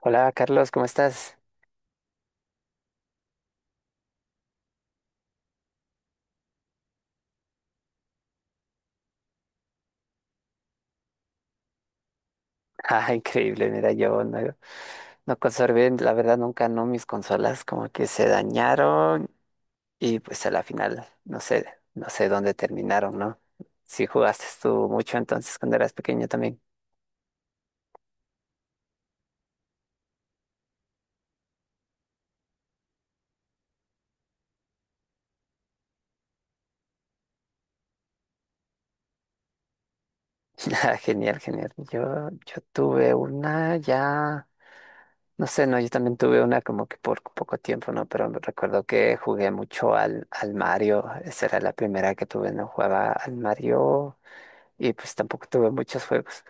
Hola Carlos, ¿cómo estás? Ah, increíble, mira, yo no, no conservé, la verdad nunca no mis consolas como que se dañaron y pues a la final no sé, no sé dónde terminaron, ¿no? ¿Si jugaste tú mucho entonces cuando eras pequeño también? Ah, genial, genial. Yo tuve una ya, no sé, no, yo también tuve una como que por poco tiempo, ¿no? Pero me recuerdo que jugué mucho al Mario, esa era la primera que tuve, no jugaba al Mario y pues tampoco tuve muchos juegos.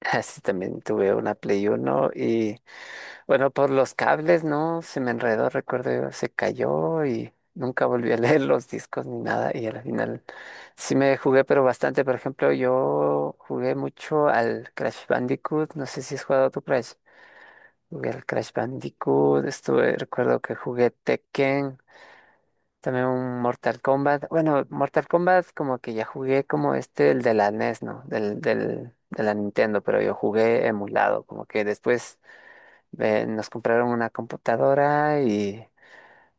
Sí, también tuve una Play uno y bueno, por los cables, ¿no? Se me enredó, recuerdo yo, se cayó y nunca volví a leer los discos ni nada y al final sí me jugué, pero bastante. Por ejemplo, yo jugué mucho al Crash Bandicoot, no sé si has jugado tu Crash. Jugué al Crash Bandicoot, estuve, recuerdo que jugué Tekken, también un Mortal Kombat. Bueno, Mortal Kombat como que ya jugué como este, el de la NES, ¿no? De la Nintendo, pero yo jugué emulado. Como que después nos compraron una computadora y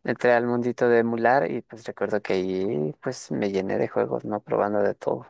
entré al mundito de emular y pues recuerdo que ahí pues me llené de juegos, ¿no? Probando de todo.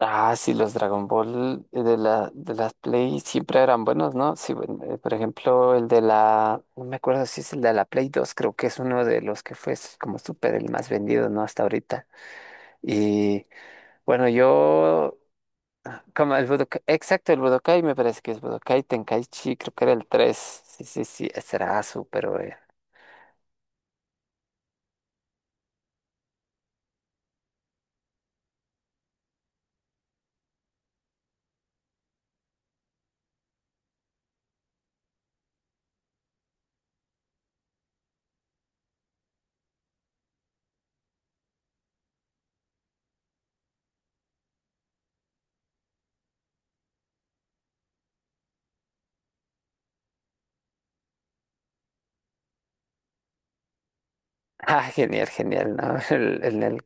Ah, sí, los Dragon Ball de la, de las Play siempre eran buenos, ¿no? Sí, bueno, por ejemplo, el de la, no me acuerdo si es el de la Play dos, creo que es uno de los que fue como súper el más vendido, ¿no? Hasta ahorita. Y bueno, yo, como el Budokai, exacto, el Budokai me parece que es Budokai Tenkaichi, creo que era el tres. Sí, sí, sí, ese era Asu, pero Ah, genial, genial, ¿no? El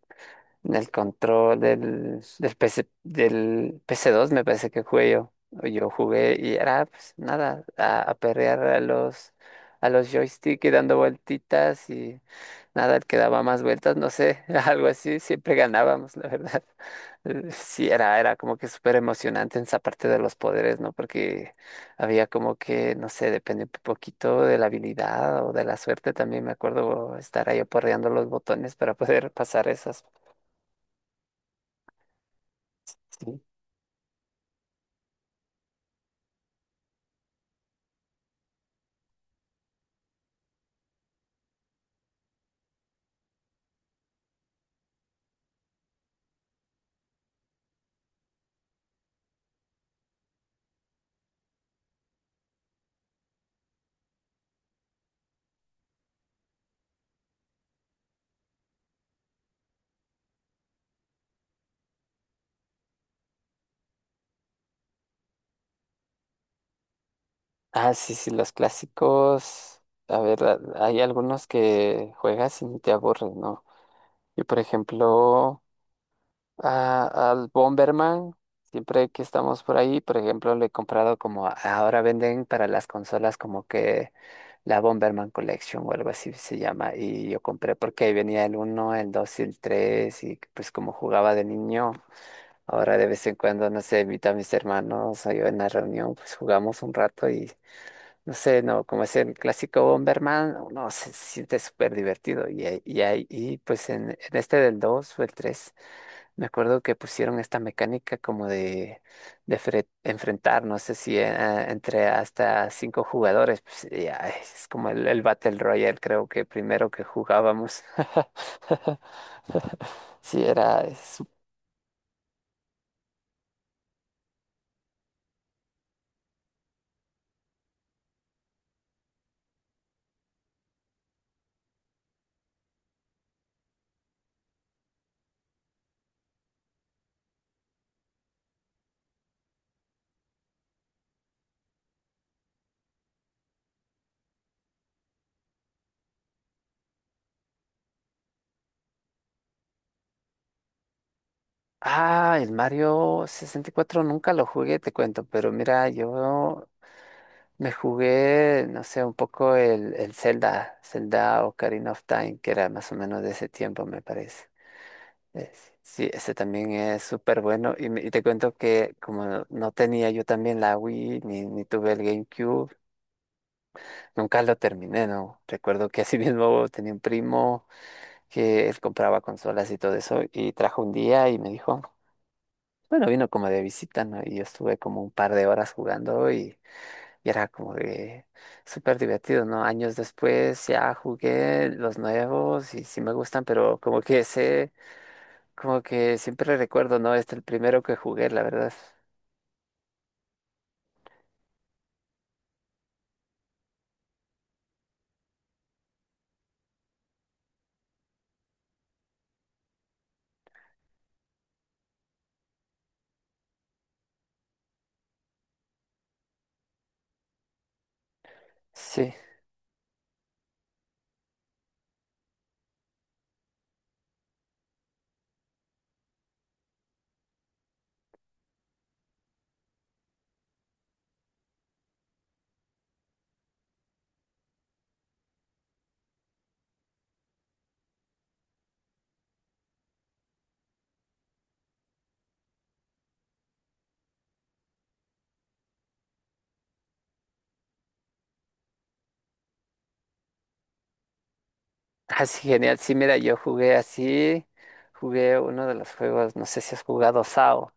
del control del PC, del PC dos me parece que jugué yo. O yo jugué y era pues nada, a perrear a los joystick y dando vueltitas y nada, el que daba más vueltas, no sé, algo así, siempre ganábamos, la verdad. Sí, era como que súper emocionante en esa parte de los poderes, ¿no? Porque había como que, no sé, depende un poquito de la habilidad o de la suerte también, me acuerdo estar ahí aporreando los botones para poder pasar esas. Ah, sí, sí, los clásicos. A ver, hay algunos que juegas y ni te aburres, ¿no? Yo, por ejemplo, al Bomberman, siempre que estamos por ahí, por ejemplo, le he comprado como ahora venden para las consolas como que la Bomberman Collection o algo así se llama. Y yo compré porque ahí venía el uno, el 2 y el 3 y pues como jugaba de niño. Ahora de vez en cuando, no sé, invito a mis hermanos o yo en la reunión, pues jugamos un rato y. No sé, no, como es el clásico Bomberman, no, se siente súper divertido. Y pues en este del 2 o el 3 me acuerdo que pusieron esta mecánica como de enfrentar, no sé si entre hasta cinco jugadores, pues ya, es como el Battle Royale, creo que primero que jugábamos. Sí, era. Ah, el Mario 64 nunca lo jugué, te cuento, pero mira, yo. Me jugué, no sé, un poco el Zelda, Zelda Ocarina of Time, que era más o menos de ese tiempo, me parece. Sí, ese también es súper bueno. Y te cuento que como no, no tenía yo también la Wii, ni tuve el GameCube, nunca lo terminé, ¿no? Recuerdo que así mismo tenía un primo que él compraba consolas y todo eso, y trajo un día y me dijo, bueno, vino como de visita, ¿no? Y yo estuve como un par de horas jugando. Y era como que súper divertido, ¿no? Años después ya jugué los nuevos y sí me gustan, pero como que sé, como que siempre recuerdo, ¿no? Este es el primero que jugué, la verdad. Sí. Así genial. Sí, mira, yo jugué así, jugué uno de los juegos, no sé si has jugado SAO.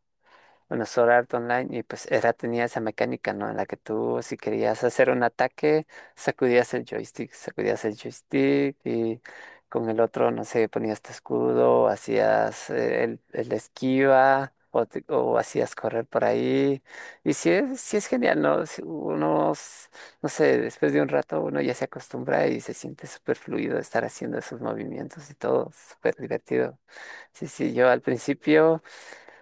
Bueno, Sword Art Online, y pues era, tenía esa mecánica, ¿no? En la que tú, si querías hacer un ataque, sacudías el joystick y con el otro, no sé, ponías tu escudo, hacías el esquiva o hacías correr por ahí. Y sí es genial, ¿no? Si uno, no sé, después de un rato uno ya se acostumbra y se siente súper fluido estar haciendo esos movimientos y todo, súper divertido. Sí, sí, yo al principio.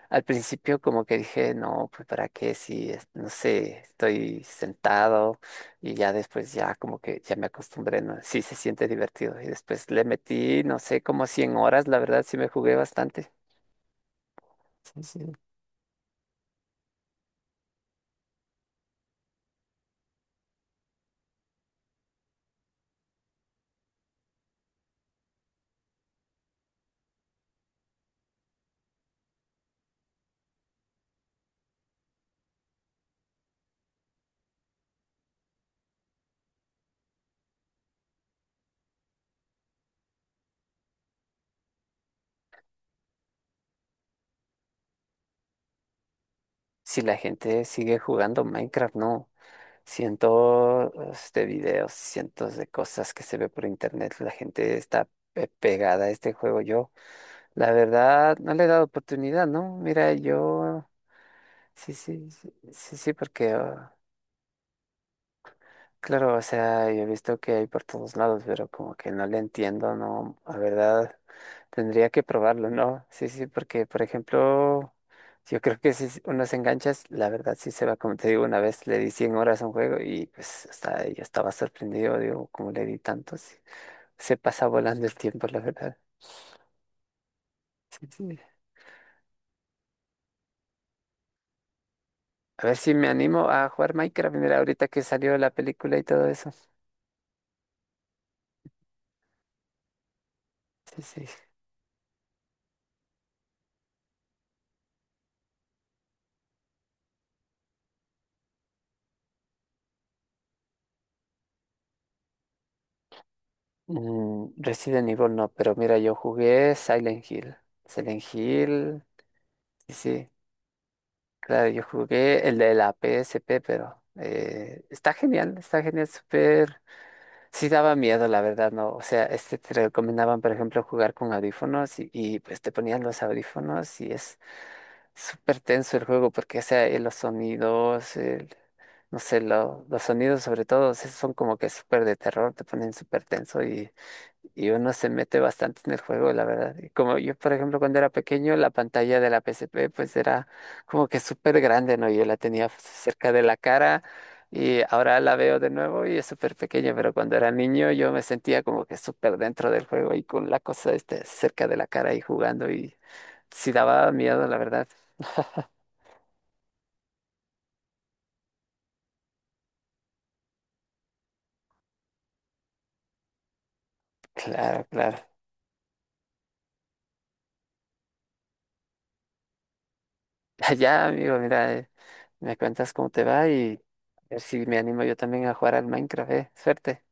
Al principio como que dije, no, pues para qué si, no sé, estoy sentado y ya después ya como que ya me acostumbré, ¿no? Sí se siente divertido. Y después le metí, no sé, como 100 horas, la verdad sí me jugué bastante. Sí, sí. Si la gente sigue jugando Minecraft, no. Cientos de videos, cientos de cosas que se ve por internet, la gente está pegada a este juego. Yo, la verdad, no le he dado oportunidad, ¿no? Mira, yo. Sí, sí, sí, sí, sí, porque, ah, claro, o sea, yo he visto que hay por todos lados, pero como que no le entiendo, no, la verdad, tendría que probarlo, ¿no? Sí, sí, porque, por ejemplo, yo creo que si uno se engancha, la verdad sí se va, como te digo, una vez le di 100 horas a un juego y pues hasta yo estaba sorprendido, digo, cómo le di tanto, sí, se pasa volando el tiempo, la verdad. Sí, sí. A ver si me animo a jugar Minecraft, mira, ahorita que salió la película y todo eso. Sí, sí. Resident Evil no, pero mira, yo jugué Silent Hill. Silent Hill, sí, sí, claro, yo jugué el de la PSP, pero está genial, súper. Sí daba miedo, la verdad, ¿no? O sea, este te recomendaban, por ejemplo, jugar con audífonos y pues te ponían los audífonos y es súper tenso el juego porque, o sea, los sonidos, no sé, los sonidos sobre todo, sí son como que súper de terror, te ponen súper tenso y uno se mete bastante en el juego, la verdad. Y como yo, por ejemplo, cuando era pequeño, la pantalla de la PSP pues era como que súper grande, ¿no? Yo la tenía cerca de la cara y ahora la veo de nuevo y es súper pequeña, pero cuando era niño yo me sentía como que súper dentro del juego y con la cosa este, cerca de la cara y jugando y sí daba miedo, la verdad. Claro, claro. Allá, amigo, mira, me cuentas cómo te va y a ver si me animo yo también a jugar al Minecraft. Suerte.